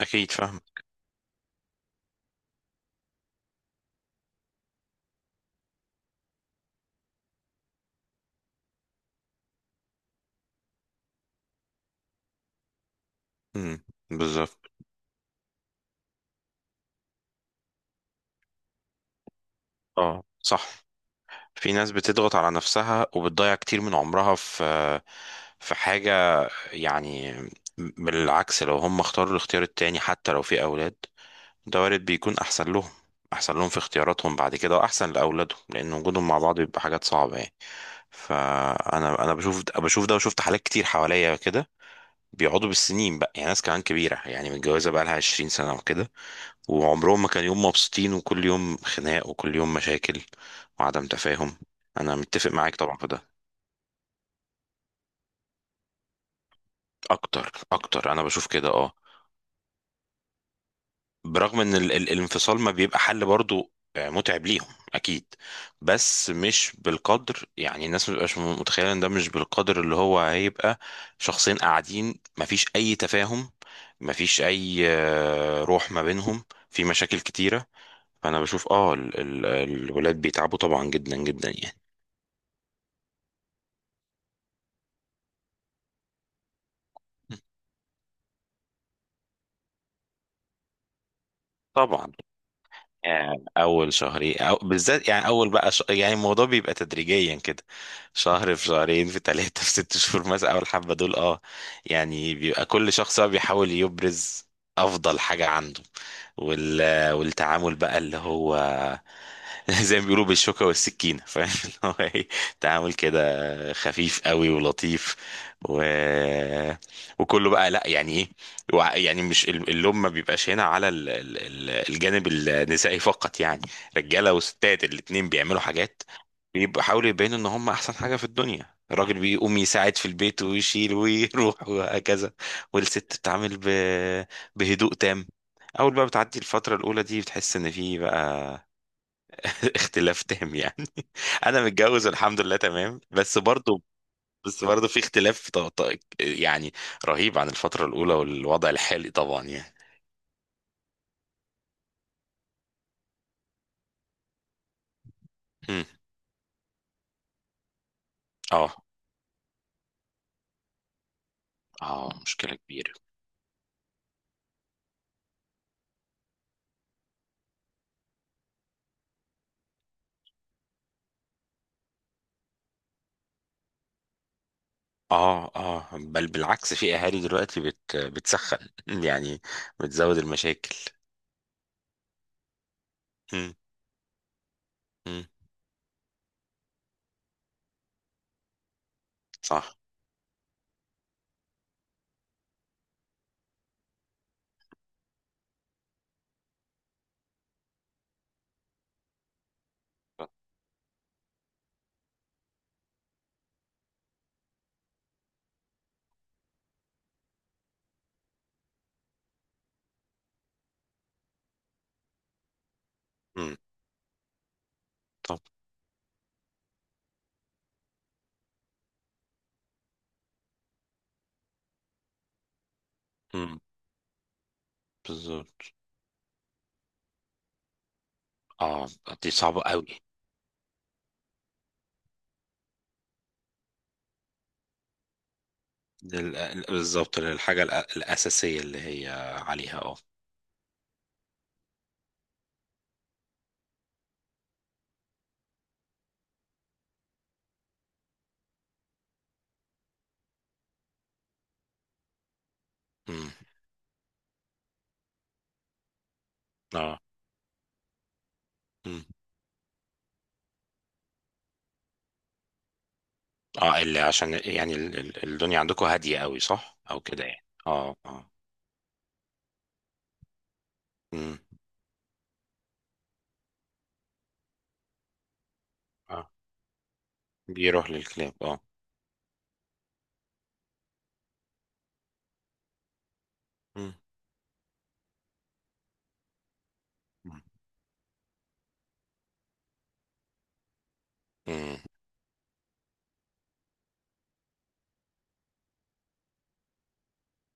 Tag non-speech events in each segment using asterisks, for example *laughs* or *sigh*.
أكيد فاهم. امم. بالظبط. اه، صح. في ناس بتضغط على نفسها وبتضيع كتير من عمرها في حاجة، يعني. بالعكس، لو هم اختاروا الاختيار التاني، حتى لو في أولاد، ده وارد بيكون أحسن لهم، أحسن لهم في اختياراتهم بعد كده، وأحسن لأولادهم لأن وجودهم مع بعض بيبقى حاجات صعبة يعني. فأنا بشوف ده، وشفت حالات كتير حواليا كده بيقعدوا بالسنين بقى. يعني ناس كمان كبيرة، يعني متجوزة بقى لها 20 سنة وكده، وعمرهم ما كان يوم مبسوطين، وكل يوم خناق وكل يوم مشاكل وعدم تفاهم. انا متفق معاك طبعا في ده. اكتر اكتر، انا بشوف كده، اه. برغم ان ال ال الانفصال ما بيبقى حل برضو، متعب ليهم، اكيد. بس مش بالقدر، يعني الناس مش متخيله ان ده مش بالقدر اللي هو هيبقى. شخصين قاعدين مفيش اي تفاهم، مفيش اي روح ما بينهم، في مشاكل كتيره. فانا بشوف اه ال ال الولاد بيتعبوا طبعا جدا جدا يعني. طبعا. يعني اول شهرين، أو بالذات يعني اول بقى يعني الموضوع بيبقى تدريجيا كده. شهر، في شهرين، في ثلاثة، في 6 شهور مثلا، اول حبة دول اه. يعني بيبقى كل شخص بقى بيحاول يبرز افضل حاجة عنده. والتعامل بقى اللي هو *laughs* زي ما بيقولوا بالشوكة والسكينة *laughs* فاهم اللي هو ايه. تعامل كده خفيف قوي ولطيف. و... وكله بقى لا يعني ايه. يعني مش اللوم ما بيبقاش هنا على الجانب النسائي فقط يعني. رجاله وستات الاتنين بيعملوا حاجات، بيحاولوا يبينوا ان هم احسن حاجه في الدنيا. الراجل بيقوم يساعد في البيت ويشيل ويروح *laughs* وهكذا. والست بتتعامل بهدوء تام. اول بقى بتعدي الفتره الاولى دي، بتحس ان في بقى *laughs* اختلاف تام يعني. *laughs* انا متجوز الحمد لله تمام، بس برضو في اختلاف يعني رهيب عن الفتره الاولى والوضع الحالي طبعا يعني. مم. اه، اه، مشكلة كبيرة. اه، اه، بل بالعكس في اهالي دلوقتي بتسخن *laughs* يعني، بتزود المشاكل. مم. مم. صح. مم. طب. مم. بالظبط. اه، دي صعبة قوي. بالظبط، للحاجة الأساسية اللي هي عليها اه. مم. اه. مم. اه، اللي عشان يعني الدنيا عندكم هادية قوي صح او كده يعني، اه اه. مم. اه، بيروح للكلاب، اه. مم. مم. مم.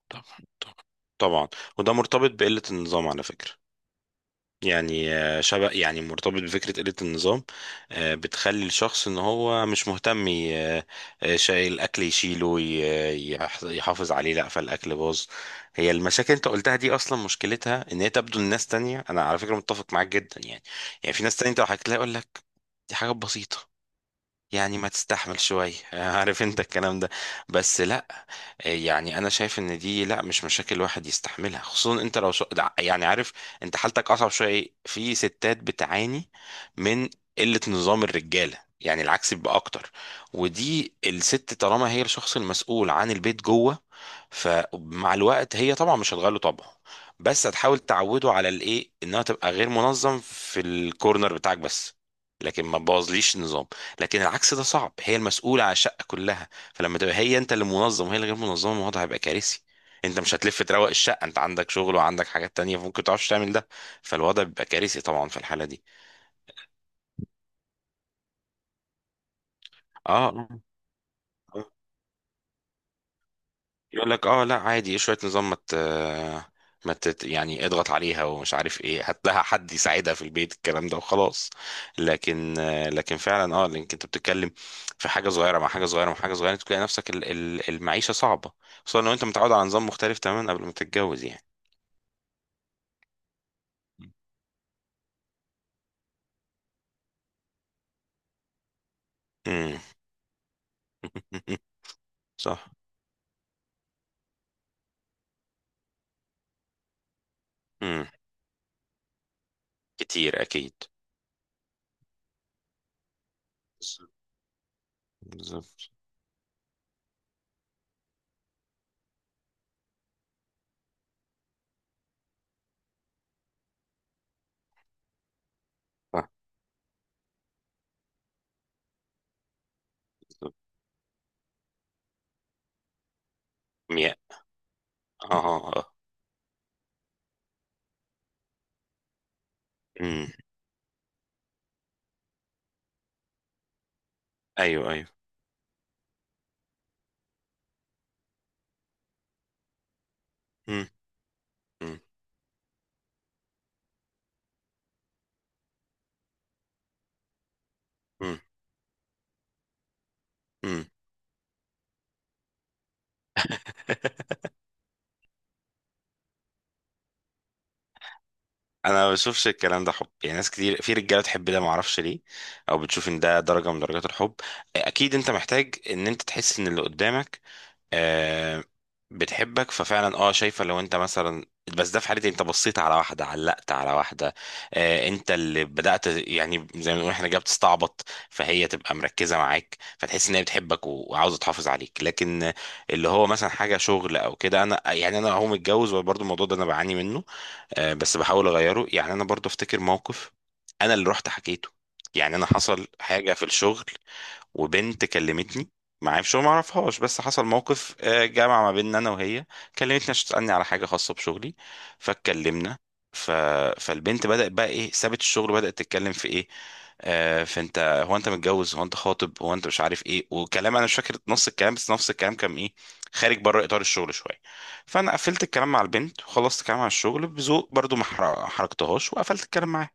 طب. طبعا. وده مرتبط بقلة النظام على فكرة، يعني شبه يعني مرتبط بفكرة قلة النظام. بتخلي الشخص ان هو مش مهتم شايل الاكل، يشيله يحافظ عليه، لا فالاكل باظ. هي المشاكل اللي انت قلتها دي، اصلا مشكلتها ان هي تبدو لناس تانية. انا على فكرة متفق معاك جدا يعني. يعني في ناس تانية انت لو حكيت لها يقول لك دي حاجات بسيطة، يعني ما تستحمل شوية *laughs* عارف انت الكلام ده. بس لا، يعني انا شايف ان دي لا، مش مشاكل الواحد يستحملها. خصوصا انت لو يعني، عارف انت حالتك اصعب شوية. ايه؟ في ستات بتعاني من قلة نظام الرجالة، يعني العكس بيبقى اكتر. ودي الست طالما هي الشخص المسؤول عن البيت جوه، فمع الوقت هي طبعا مش هتغير له طبعه، بس هتحاول تعوده على الايه، انها تبقى غير منظم في الكورنر بتاعك بس، لكن ما تبوظليش النظام. لكن العكس ده صعب، هي المسؤولة على الشقة كلها، فلما تبقى هي انت اللي منظم وهي اللي غير منظمة، الموضوع هيبقى كارثي. انت مش هتلف تروق الشقة، انت عندك شغل وعندك حاجات تانية، فممكن متعرفش تعمل ده. فالوضع بيبقى كارثي طبعا في الحالة دي. اه، آه. يقول لك اه لا عادي، شويه نظام، ما مت... ما تت... يعني اضغط عليها ومش عارف ايه، هات لها حد يساعدها في البيت، الكلام ده وخلاص. لكن لكن فعلا اه لانك انت بتتكلم في حاجه صغيره مع حاجه صغيره مع حاجه صغيره، تلاقي نفسك المعيشه صعبه. خصوصا لو انت متعود على نظام مختلف تماما قبل ما تتجوز يعني. امم. *laughs* صح. امم. كتير اكيد. بالظبط. بالظبط. صح. بالظبط. مية. اه، آه، آه. امم. ايوه، ايوه. امم. امم. امم. انا ما بشوفش الكلام ده حب، يعني ناس كتير في رجاله تحب ده، ما اعرفش ليه، او بتشوف ان ده درجه من درجات الحب. اكيد انت محتاج ان انت تحس ان اللي قدامك آه بتحبك، ففعلا اه شايفه لو انت مثلا. بس ده في حالتي، انت بصيت على واحده، علقت على واحده، انت اللي بدات يعني، زي ما بنقول احنا جاي بتستعبط. فهي تبقى مركزه معاك، فتحس ان هي بتحبك و- وعاوزه تحافظ عليك. لكن اللي هو مثلا حاجه شغل او كده، انا يعني انا هو متجوز وبرضه الموضوع ده انا بعاني منه. بس بحاول اغيره يعني. انا برضو افتكر موقف انا اللي رحت حكيته، يعني انا حصل حاجه في الشغل وبنت كلمتني، معايا في شغل ما اعرفهاش، بس حصل موقف جمع ما بيننا انا وهي، كلمتني عشان تسالني على حاجه خاصه بشغلي، فاتكلمنا. ف... فالبنت بدات بقى ايه، سابت الشغل وبدات تتكلم في ايه. فانت، هو انت متجوز، هو انت خاطب، هو انت مش عارف ايه وكلام، انا مش فاكر نص الكلام، بس نفس الكلام كان ايه خارج بره اطار الشغل شويه. فانا قفلت الكلام مع البنت وخلصت الكلام على الشغل بذوق برضو، ما حركتهاش، وقفلت الكلام معاها.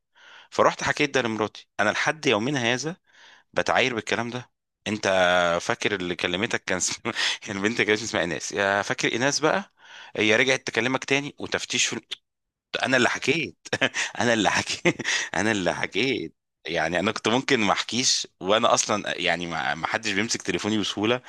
فرحت حكيت ده لمراتي انا، لحد يومنا هذا بتعاير بالكلام ده. انت فاكر اللي كلمتك كان *laughs* البنت كانت اسمها ايناس، يا فاكر ايناس بقى، هي رجعت تكلمك تاني وتفتيش انا اللي حكيت. انا اللي حكيت *laughs* انا اللي حكيت. يعني انا كنت ممكن ما احكيش، وانا اصلا يعني ما حدش بيمسك تليفوني بسهوله.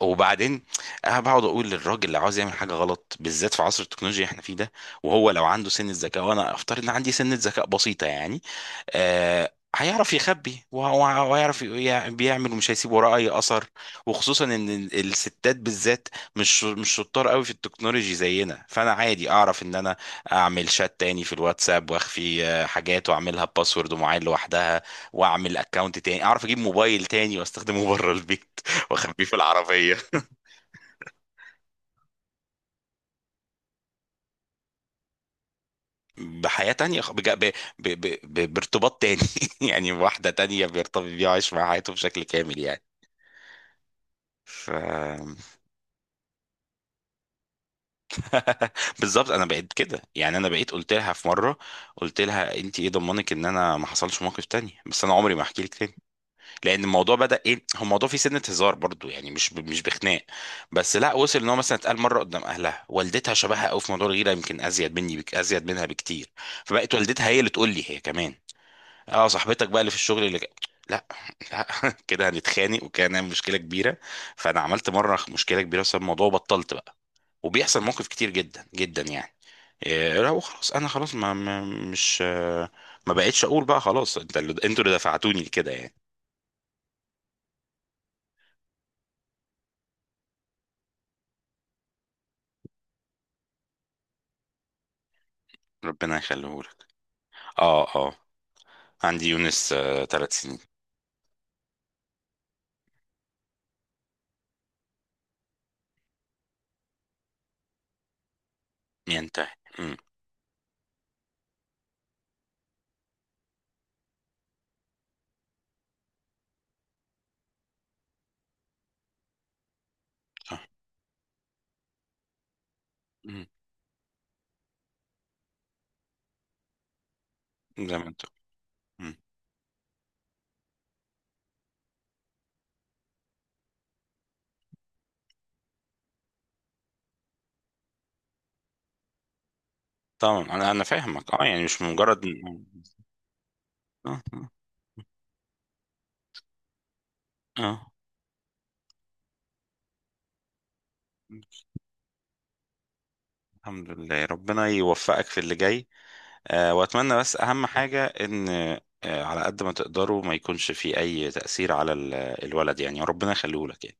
وبعدين انا بقعد اقول للراجل اللي عاوز يعمل حاجه غلط، بالذات في عصر التكنولوجيا اللي احنا فيه ده، وهو لو عنده سنه ذكاء، وانا افترض ان عندي سنه ذكاء بسيطه يعني، هيعرف يخبي، وهيعرف بيعمل ومش هيسيب وراه اي اثر. وخصوصا ان الستات بالذات مش شطار قوي في التكنولوجي زينا. فانا عادي اعرف ان انا اعمل شات تاني في الواتساب، واخفي حاجات، واعملها باسورد ومعين لوحدها، واعمل اكونت تاني، اعرف اجيب موبايل تاني واستخدمه بره البيت *laughs* واخبيه في العربية، بحياة تانية، بارتباط تاني. *laughs* يعني واحدة تانية بيرتبط بيها وعايش مع حياته بشكل كامل يعني. ف *laughs* بالظبط. انا بقيت كده يعني، انا بقيت قلت لها في مره، قلت لها انت ايه ضمنك ان انا ما حصلش موقف تاني، بس انا عمري ما احكي لك تاني، لان الموضوع بدا ايه، هو الموضوع فيه سنه هزار برضو يعني، مش بخناق. بس لا، وصل ان هو مثلا اتقال مره قدام اهلها، والدتها شبهها قوي في موضوع الغيره، يمكن ازيد مني، بك ازيد منها بكتير. فبقت والدتها هي اللي تقول لي هي كمان اه، صاحبتك بقى اللي في الشغل لا، لا، *laughs* كده هنتخانق وكان هنعمل مشكله كبيره. فانا عملت مره مشكله كبيره بسبب الموضوع وبطلت بقى. وبيحصل موقف كتير جدا جدا يعني. إيه لا، وخلاص انا خلاص ما ما- مش آه، ما بقتش اقول بقى خلاص، انتوا اللي دفعتوني لكده يعني. ربنا يخليه. اه، اه. عندي يونس 3 سنين. ينتهي. امم. صح. امم. زي ما انت. امم. طبعا انا فاهمك اه، يعني مش مجرد اه، اه، آه. آه. الحمد لله، ربنا يوفقك في اللي جاي. واتمنى بس اهم حاجة ان على قد ما تقدروا ما يكونش في اي تأثير على الولد يعني، ربنا يخليه لك يعني.